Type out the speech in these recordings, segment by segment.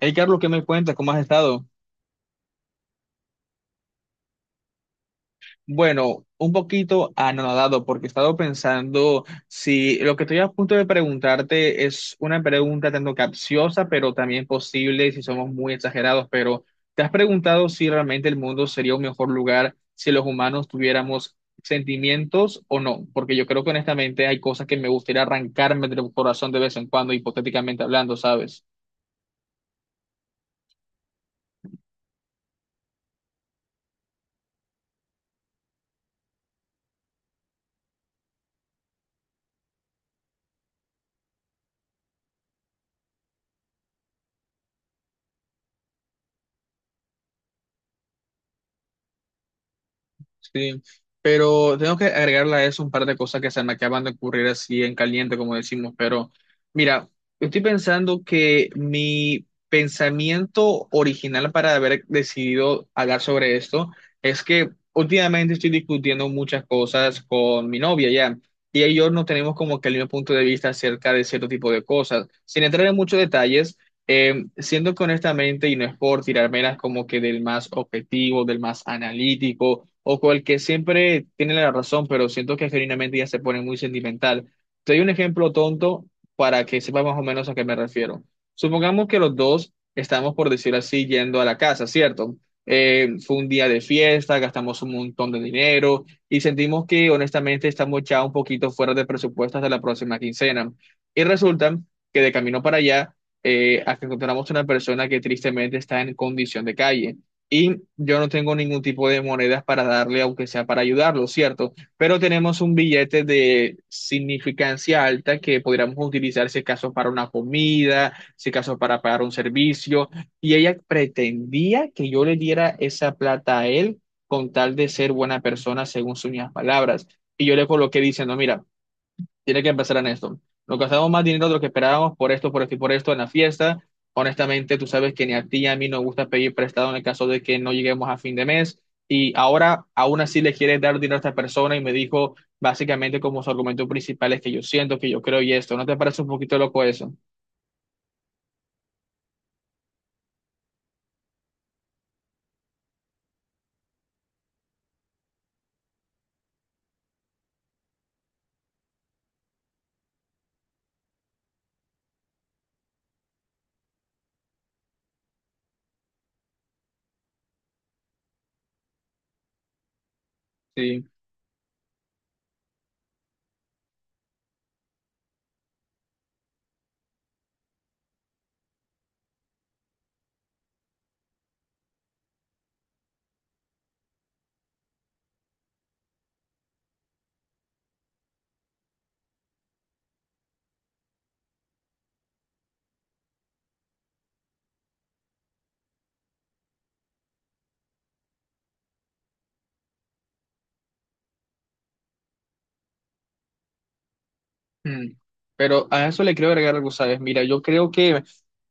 Hey, Carlos, ¿qué me cuentas? ¿Cómo has estado? Bueno, un poquito anonadado porque he estado pensando si lo que estoy a punto de preguntarte es una pregunta tanto capciosa, pero también posible si somos muy exagerados, pero ¿te has preguntado si realmente el mundo sería un mejor lugar si los humanos tuviéramos sentimientos o no? Porque yo creo que honestamente hay cosas que me gustaría arrancarme del corazón de vez en cuando, hipotéticamente hablando, ¿sabes? Sí, pero tengo que agregarle a eso un par de cosas que se me acaban de ocurrir así en caliente, como decimos, pero mira, estoy pensando que mi pensamiento original para haber decidido hablar sobre esto es que últimamente estoy discutiendo muchas cosas con mi novia ya, y ellos no tenemos como que el mismo punto de vista acerca de cierto tipo de cosas, sin entrar en muchos detalles. Siendo que honestamente, y no es por tirármelas como que del más objetivo, del más analítico, o con el que siempre tiene la razón, pero siento que genuinamente ya se pone muy sentimental. Te doy un ejemplo tonto para que sepas más o menos a qué me refiero. Supongamos que los dos estamos, por decirlo así, yendo a la casa, ¿cierto? Fue un día de fiesta, gastamos un montón de dinero y sentimos que honestamente estamos ya un poquito fuera de presupuesto hasta la próxima quincena. Y resulta que de camino para allá, a que encontramos una persona que tristemente está en condición de calle. Y yo no tengo ningún tipo de monedas para darle, aunque sea para ayudarlo, ¿cierto? Pero tenemos un billete de significancia alta que podríamos utilizar si acaso para una comida, si acaso para pagar un servicio. Y ella pretendía que yo le diera esa plata a él con tal de ser buena persona, según sus mismas palabras. Y yo le coloqué diciendo, mira, tiene que empezar en esto. Nos gastamos más dinero de lo que esperábamos por esto y por esto en la fiesta. Honestamente, tú sabes que ni a ti ni a mí nos gusta pedir prestado en el caso de que no lleguemos a fin de mes. Y ahora, aún así, le quieres dar dinero a esta persona y me dijo básicamente como su argumento principal es que yo siento, que yo creo y esto. ¿No te parece un poquito loco eso? Sí. Mm. Pero a eso le quiero agregar algo, ¿sabes? Mira, yo creo que,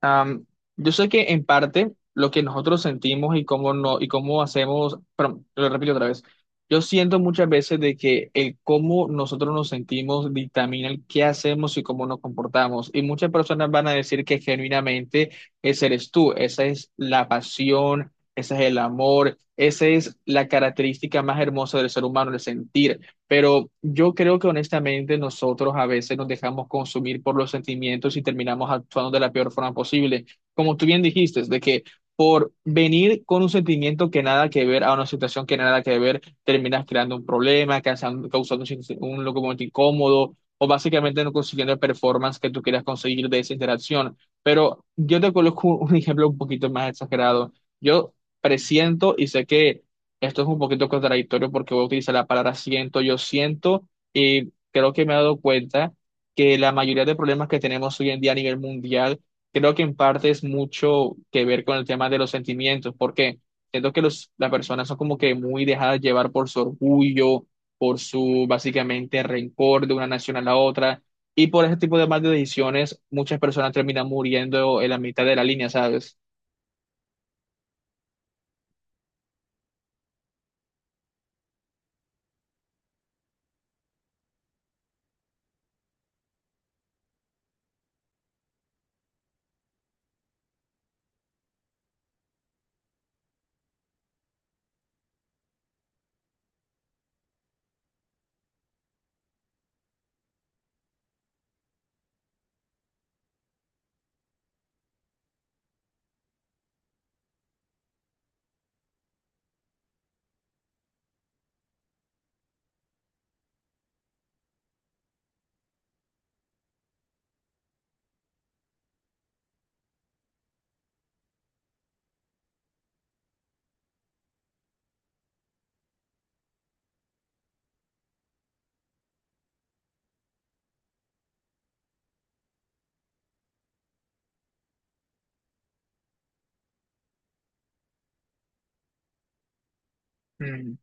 am, yo sé que en parte lo que nosotros sentimos y cómo no, y cómo hacemos, perdón, lo repito otra vez, yo siento muchas veces de que el cómo nosotros nos sentimos dictamina el qué hacemos y cómo nos comportamos. Y muchas personas van a decir que genuinamente ese eres tú, esa es la pasión, ese es el amor, esa es la característica más hermosa del ser humano, el sentir. Pero yo creo que honestamente nosotros a veces nos dejamos consumir por los sentimientos y terminamos actuando de la peor forma posible. Como tú bien dijiste, de que por venir con un sentimiento que nada que ver a una situación que nada que ver, terminas creando un problema, causando, un, un momento incómodo o básicamente no consiguiendo el performance que tú quieras conseguir de esa interacción. Pero yo te coloco un ejemplo un poquito más exagerado. Yo presiento y sé que esto es un poquito contradictorio porque voy a utilizar la palabra siento, yo siento, y creo que me he dado cuenta que la mayoría de problemas que tenemos hoy en día a nivel mundial, creo que en parte es mucho que ver con el tema de los sentimientos, porque siento que las personas son como que muy dejadas llevar por su orgullo, por su básicamente rencor de una nación a la otra, y por ese tipo de malas decisiones muchas personas terminan muriendo en la mitad de la línea, ¿sabes? Mm,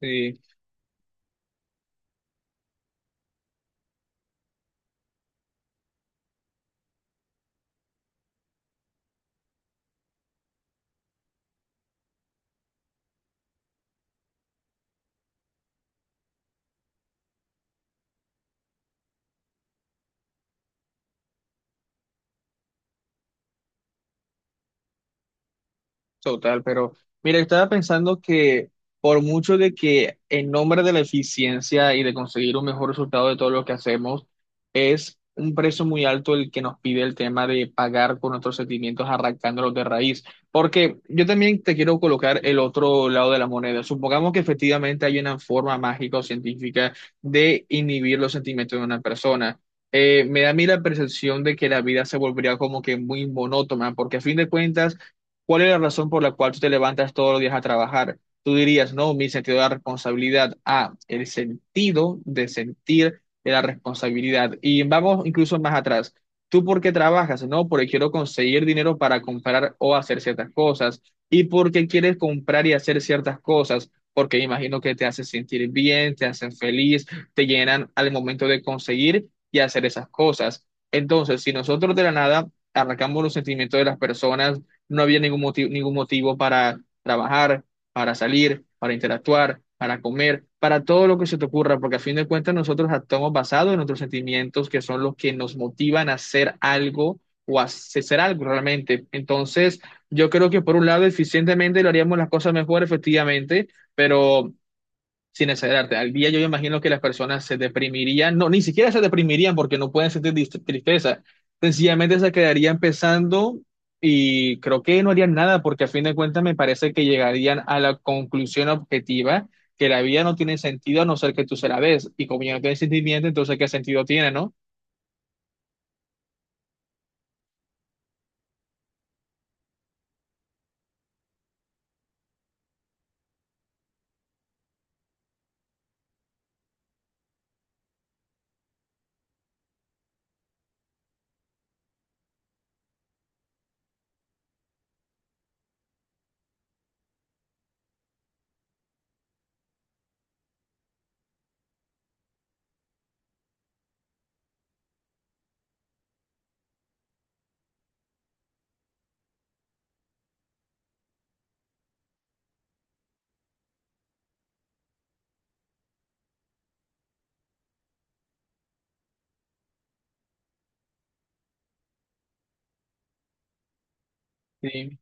sí. Total, pero mira, estaba pensando que por mucho de que en nombre de la eficiencia y de conseguir un mejor resultado de todo lo que hacemos, es un precio muy alto el que nos pide el tema de pagar con nuestros sentimientos arrancándolos de raíz. Porque yo también te quiero colocar el otro lado de la moneda. Supongamos que efectivamente hay una forma mágica o científica de inhibir los sentimientos de una persona. Me da a mí la percepción de que la vida se volvería como que muy monótona, porque a fin de cuentas, ¿cuál es la razón por la cual tú te levantas todos los días a trabajar? Tú dirías, no, mi sentido de la responsabilidad. Ah, el sentido de sentir de la responsabilidad. Y vamos incluso más atrás. ¿Tú por qué trabajas? No, porque quiero conseguir dinero para comprar o hacer ciertas cosas. ¿Y por qué quieres comprar y hacer ciertas cosas? Porque imagino que te hace sentir bien, te hacen feliz, te llenan al momento de conseguir y hacer esas cosas. Entonces, si nosotros de la nada arrancamos los sentimientos de las personas, no había ningún motivo para trabajar, para salir, para interactuar, para comer, para todo lo que se te ocurra, porque a fin de cuentas nosotros actuamos basados en nuestros sentimientos que son los que nos motivan a hacer algo o a hacer algo realmente. Entonces, yo creo que por un lado eficientemente lo haríamos las cosas mejor, efectivamente, pero sin exagerarte, al día yo imagino que las personas se deprimirían, no, ni siquiera se deprimirían porque no pueden sentir tristeza, sencillamente se quedarían pensando y creo que no harían nada porque a fin de cuentas me parece que llegarían a la conclusión objetiva que la vida no tiene sentido a no ser que tú se la des y como ya no tiene sentimiento, entonces ¿qué sentido tiene, no? Sí,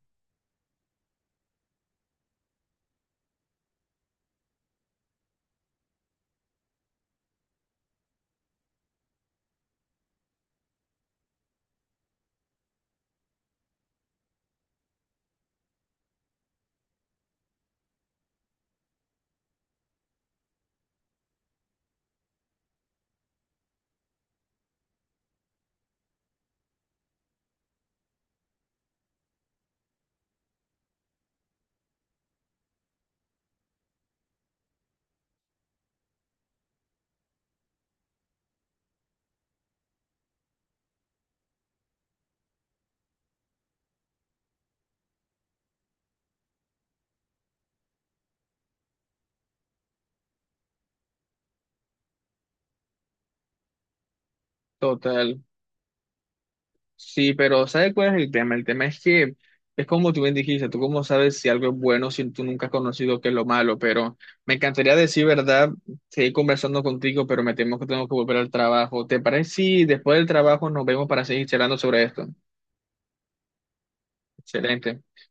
total. Sí, pero ¿sabes cuál es el tema? El tema es que es como tú bien dijiste, tú cómo sabes si algo es bueno si tú nunca has conocido qué es lo malo, pero me encantaría decir verdad, seguir conversando contigo, pero me temo que tengo que volver al trabajo. ¿Te parece si después del trabajo nos vemos para seguir charlando sobre esto? Excelente.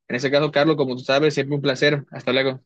En ese caso, Carlos, como tú sabes, siempre un placer. Hasta luego.